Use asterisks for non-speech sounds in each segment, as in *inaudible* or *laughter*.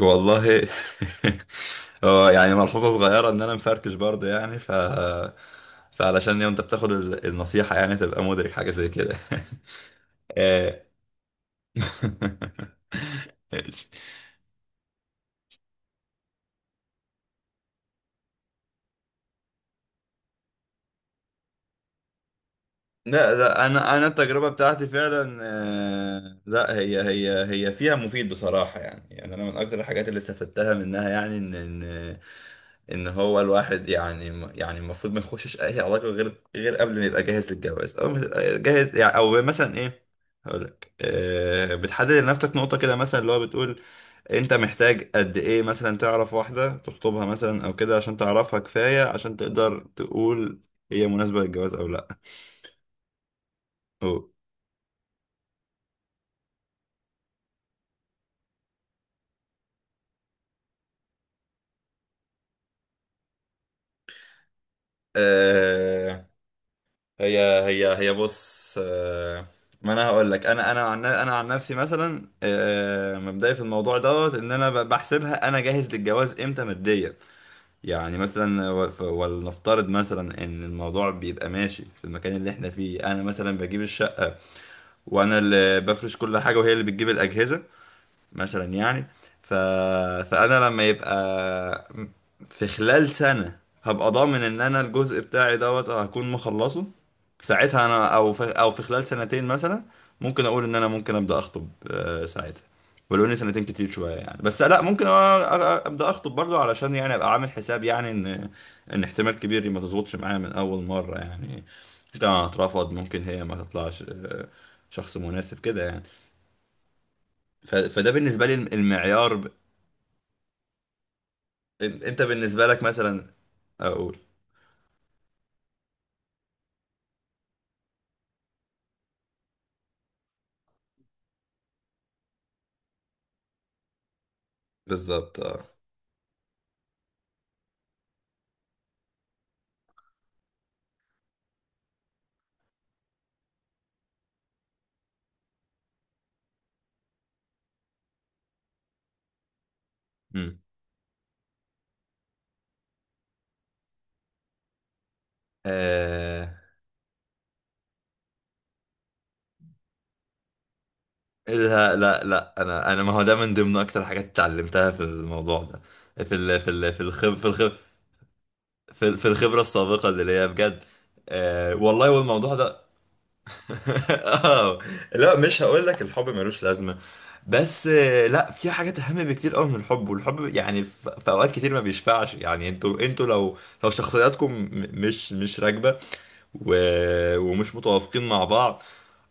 والله، *laughs* هو يعني ملحوظة صغيرة ان انا مفركش برضه يعني، فعلشان لو انت بتاخد النصيحة يعني تبقى مدرك حاجة زي كده. *laughs* آه. *laughs* لا، لا، انا التجربة بتاعتي فعلا، لا، هي فيها مفيد بصراحة. يعني انا من اكتر الحاجات اللي استفدتها منها يعني ان هو الواحد يعني. يعني المفروض ما يخشش اي علاقه غير قبل ما يبقى جاهز للجواز، او جاهز يعني، او مثلا ايه؟ هقول لك، بتحدد لنفسك نقطه كده، مثلا اللي هو بتقول انت محتاج قد ايه، مثلا تعرف واحده تخطبها، مثلا او كده عشان تعرفها كفايه عشان تقدر تقول هي مناسبه للجواز او لا. أو. آه، هي هي بص. ما انا هقول لك، انا عن نفسي مثلا، مبدئي في الموضوع دوت ان انا بحسبها انا جاهز للجواز امتى ماديا. يعني مثلا، ولنفترض مثلا ان الموضوع بيبقى ماشي في المكان اللي احنا فيه، انا مثلا بجيب الشقة وانا اللي بفرش كل حاجة وهي اللي بتجيب الاجهزة مثلا يعني. ف... فانا لما يبقى في خلال سنة هبقى ضامن ان انا الجزء بتاعي دوت هكون مخلصه ساعتها، انا او في خلال سنتين مثلا ممكن اقول ان انا ممكن ابدا اخطب ساعتها. ولو ان سنتين كتير شويه يعني، بس لا ممكن ابدا اخطب برضو، علشان يعني ابقى عامل حساب يعني ان احتمال كبير ما تظبطش معايا من اول مره يعني. ممكن انا اترفض، ممكن هي ما تطلعش شخص مناسب كده يعني. فده بالنسبه لي المعيار. انت بالنسبة لك مثلا. اقول بالظبط، اه. مم. آه، لا، لا، لا، انا ما هو ده من ضمن اكتر حاجات اتعلمتها في الموضوع ده. في ال في ال في الخب في الخب في الخبرة السابقة اللي هي بجد. والله، والموضوع ده. *laughs* اه، لا، مش هقول لك الحب ملوش لازمة. بس لا، في حاجات اهم بكتير قوي من الحب. والحب يعني في اوقات كتير ما بيشفعش يعني. انتوا لو شخصياتكم مش راكبة، و... ومش متوافقين مع بعض،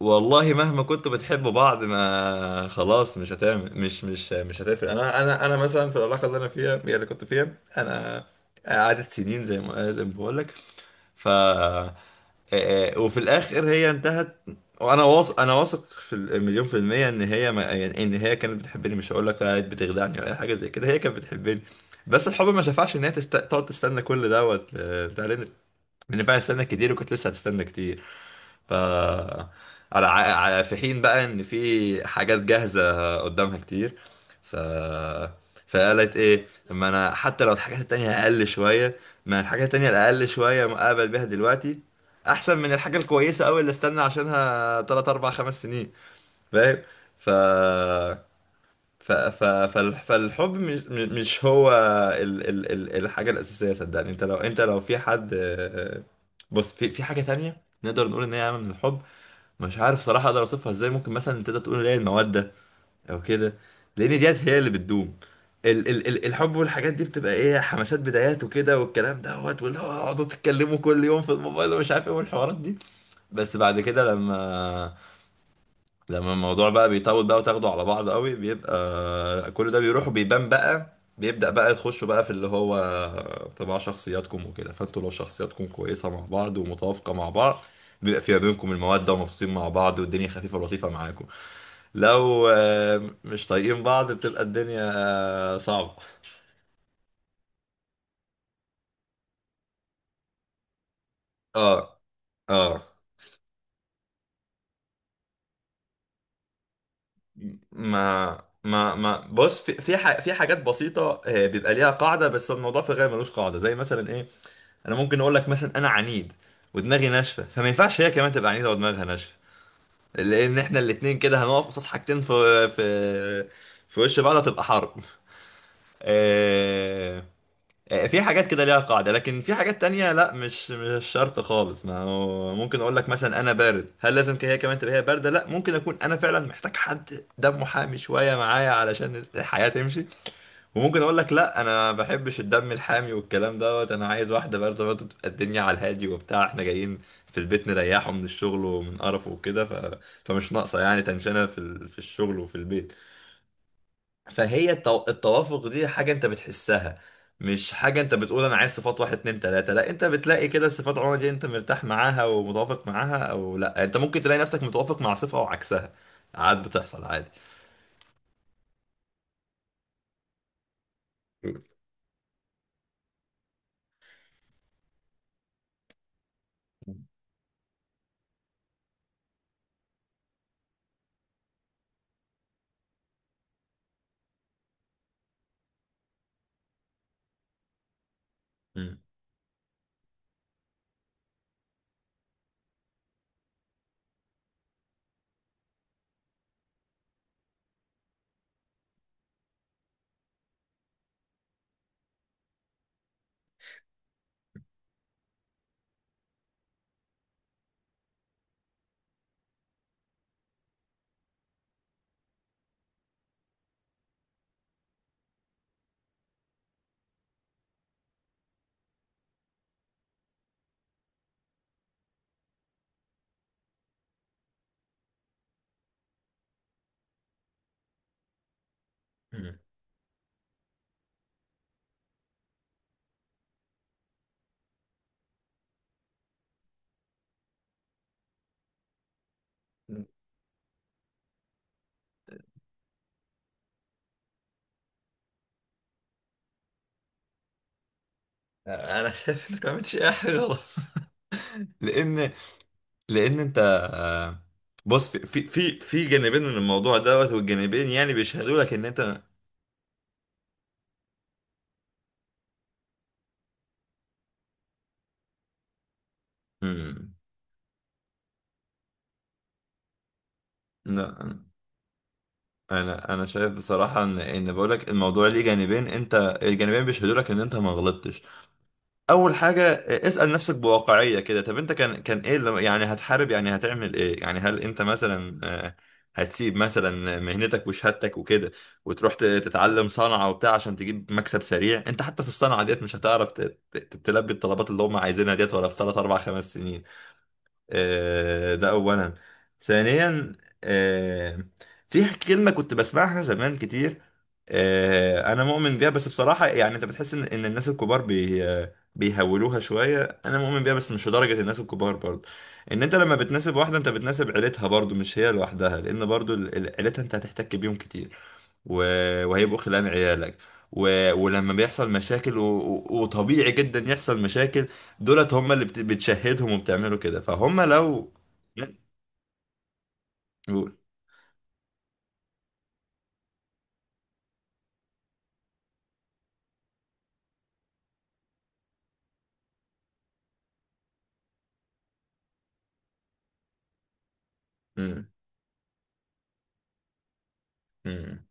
والله مهما كنتوا بتحبوا بعض ما خلاص. مش هتفرق. انا مثلا في العلاقه اللي انا فيها، هي اللي كنت فيها. انا قعدت سنين زي ما بقول لك. ف آه، وفي الاخر هي انتهت. وانا واثق انا واثق في المليون في المية، ان هي ما يعني ان هي كانت بتحبني. مش هقول لك كانت بتخدعني ولا اي حاجة زي كده، هي كانت بتحبني. بس الحب ما شفعش ان هي تقعد تستنى كل دوت بتاع، لأن فعلا استنى كتير وكنت لسه هتستنى كتير، ف على في حين بقى ان في حاجات جاهزه قدامها كتير. ف فقالت ايه، اما انا حتى لو الحاجات التانية اقل شويه، ما الحاجات التانية الاقل شويه مقابل بيها دلوقتي احسن من الحاجه الكويسه قوي اللي استنى عشانها 3 4 5 سنين. فاهم؟ ف فالحب مش هو ال ال ال الحاجة الأساسية. صدقني انت لو، في حد، بص، في حاجة تانية نقدر نقول ان هي عامة من الحب. مش عارف صراحة اقدر اوصفها ازاي، ممكن مثلا تقدر تقول اللي هي المودة او كده، لان ديت هي اللي بتدوم. ال ال ال الحب والحاجات دي بتبقى ايه حماسات بدايات وكده والكلام دوت، واللي هو اقعدوا تتكلموا كل يوم في الموبايل ومش عارف ايه والحوارات دي. بس بعد كده، لما الموضوع بقى بيطول بقى وتاخده على بعض قوي بيبقى كل ده بيروح وبيبان بقى. بيبدأ بقى تخشوا بقى في اللي هو طباع شخصياتكم وكده. فانتوا لو شخصياتكم كويسة مع بعض ومتوافقة مع بعض، بيبقى في ما بينكم المودة، ومبسوطين مع بعض، والدنيا خفيفة لطيفة معاكم. لو مش طايقين بعض، بتبقى الدنيا صعبة. اه، اه، ما ما ما بص، في في حاجات بسيطة بيبقى ليها قاعدة. بس الموضوع في الغالب ملوش قاعدة، زي مثلا ايه؟ انا ممكن اقول لك مثلا انا عنيد ودماغي ناشفه، فما ينفعش هي كمان تبقى عنيده ودماغها ناشفه، لان احنا الاتنين كده هنقف قصاد حاجتين في وش بعض. هتبقى حرب. آه، في حاجات كده ليها قاعده، لكن في حاجات تانية لا، مش شرط خالص. ما هو ممكن اقول لك مثلا انا بارد، هل لازم هي كمان تبقى هي بارده؟ لا، ممكن اكون انا فعلا محتاج حد دمه حامي شويه معايا علشان الحياه تمشي. وممكن اقول لك لا، انا ما بحبش الدم الحامي والكلام دوت، انا عايز واحده برضه برضه تبقى الدنيا على الهادي وبتاع. احنا جايين في البيت نريحه من الشغل ومن قرفه وكده، فمش ناقصه يعني تنشنه في الشغل وفي البيت. فهي التوافق دي حاجه انت بتحسها، مش حاجه انت بتقول انا عايز صفات واحد، اتنين، تلاته، لا. انت بتلاقي كده صفات عموما دي، انت مرتاح معاها ومتوافق معاها او لا. انت ممكن تلاقي نفسك متوافق مع صفه وعكسها، عاد بتحصل عادي. مم. مم. انا شايف انك ما عملتش اي حاجه غلط. *laughs* لان، انت. آه، بص، في جانبين من الموضوع دوت، والجانبين يعني بيشهدوا لك ان انت. مم. لا، انا شايف بصراحه، ان ان بقول لك الموضوع ليه جانبين. انت الجانبين بيشهدوا لك ان انت ما غلطتش. اول حاجه، اسال نفسك بواقعيه كده. طب انت كان ايه اللي يعني هتحارب يعني هتعمل ايه يعني؟ هل انت مثلا هتسيب مثلا مهنتك وشهادتك وكده، وتروح تتعلم صنعه وبتاع عشان تجيب مكسب سريع؟ انت حتى في الصنعه ديت مش هتعرف تلبي الطلبات اللي هم عايزينها ديت ولا في 3 4 5 سنين؟ ده اولا. ثانيا، آه، في كلمه كنت بسمعها زمان كتير، انا مؤمن بيها. بس بصراحه يعني انت بتحس ان الناس الكبار بيهولوها شويه. انا مؤمن بيها بس مش لدرجه الناس الكبار برضه. ان انت لما بتناسب واحده، انت بتناسب عيلتها برضه، مش هي لوحدها. لان برضه عيلتها انت هتحتك بيهم كتير، وهيبقوا خلان عيالك. ولما بيحصل مشاكل، وطبيعي جدا يحصل مشاكل، دولت هم اللي بتشهدهم وبتعملوا كده. فهم لو، يعني، قول. امم، امم،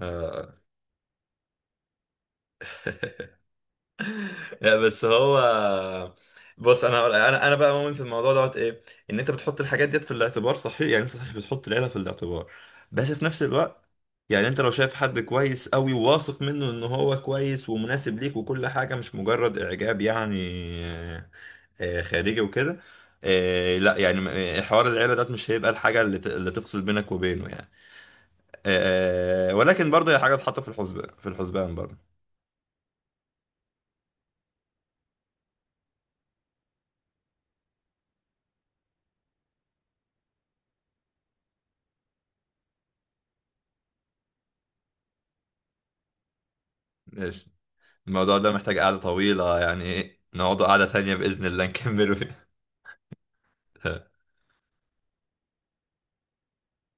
آه. لا، بس هو، بص، انا بقى مؤمن في الموضوع دوت ايه. ان انت بتحط الحاجات ديت في الاعتبار، صحيح يعني انت صحيح بتحط العيله في الاعتبار، بس في نفس الوقت، يعني انت لو شايف حد كويس قوي وواثق منه ان هو كويس ومناسب ليك وكل حاجه، مش مجرد اعجاب يعني آه، خارجي وكده. لا يعني، حوار العيله دوت مش هيبقى الحاجه اللي اللي تفصل بينك وبينه يعني. ولكن برضه هي حاجة تحط في الحسبان، برضه. ايش! الموضوع ده محتاج قعدة طويلة يعني، إيه، نقعد قعدة تانية بإذن الله نكمله فيها. *laughs*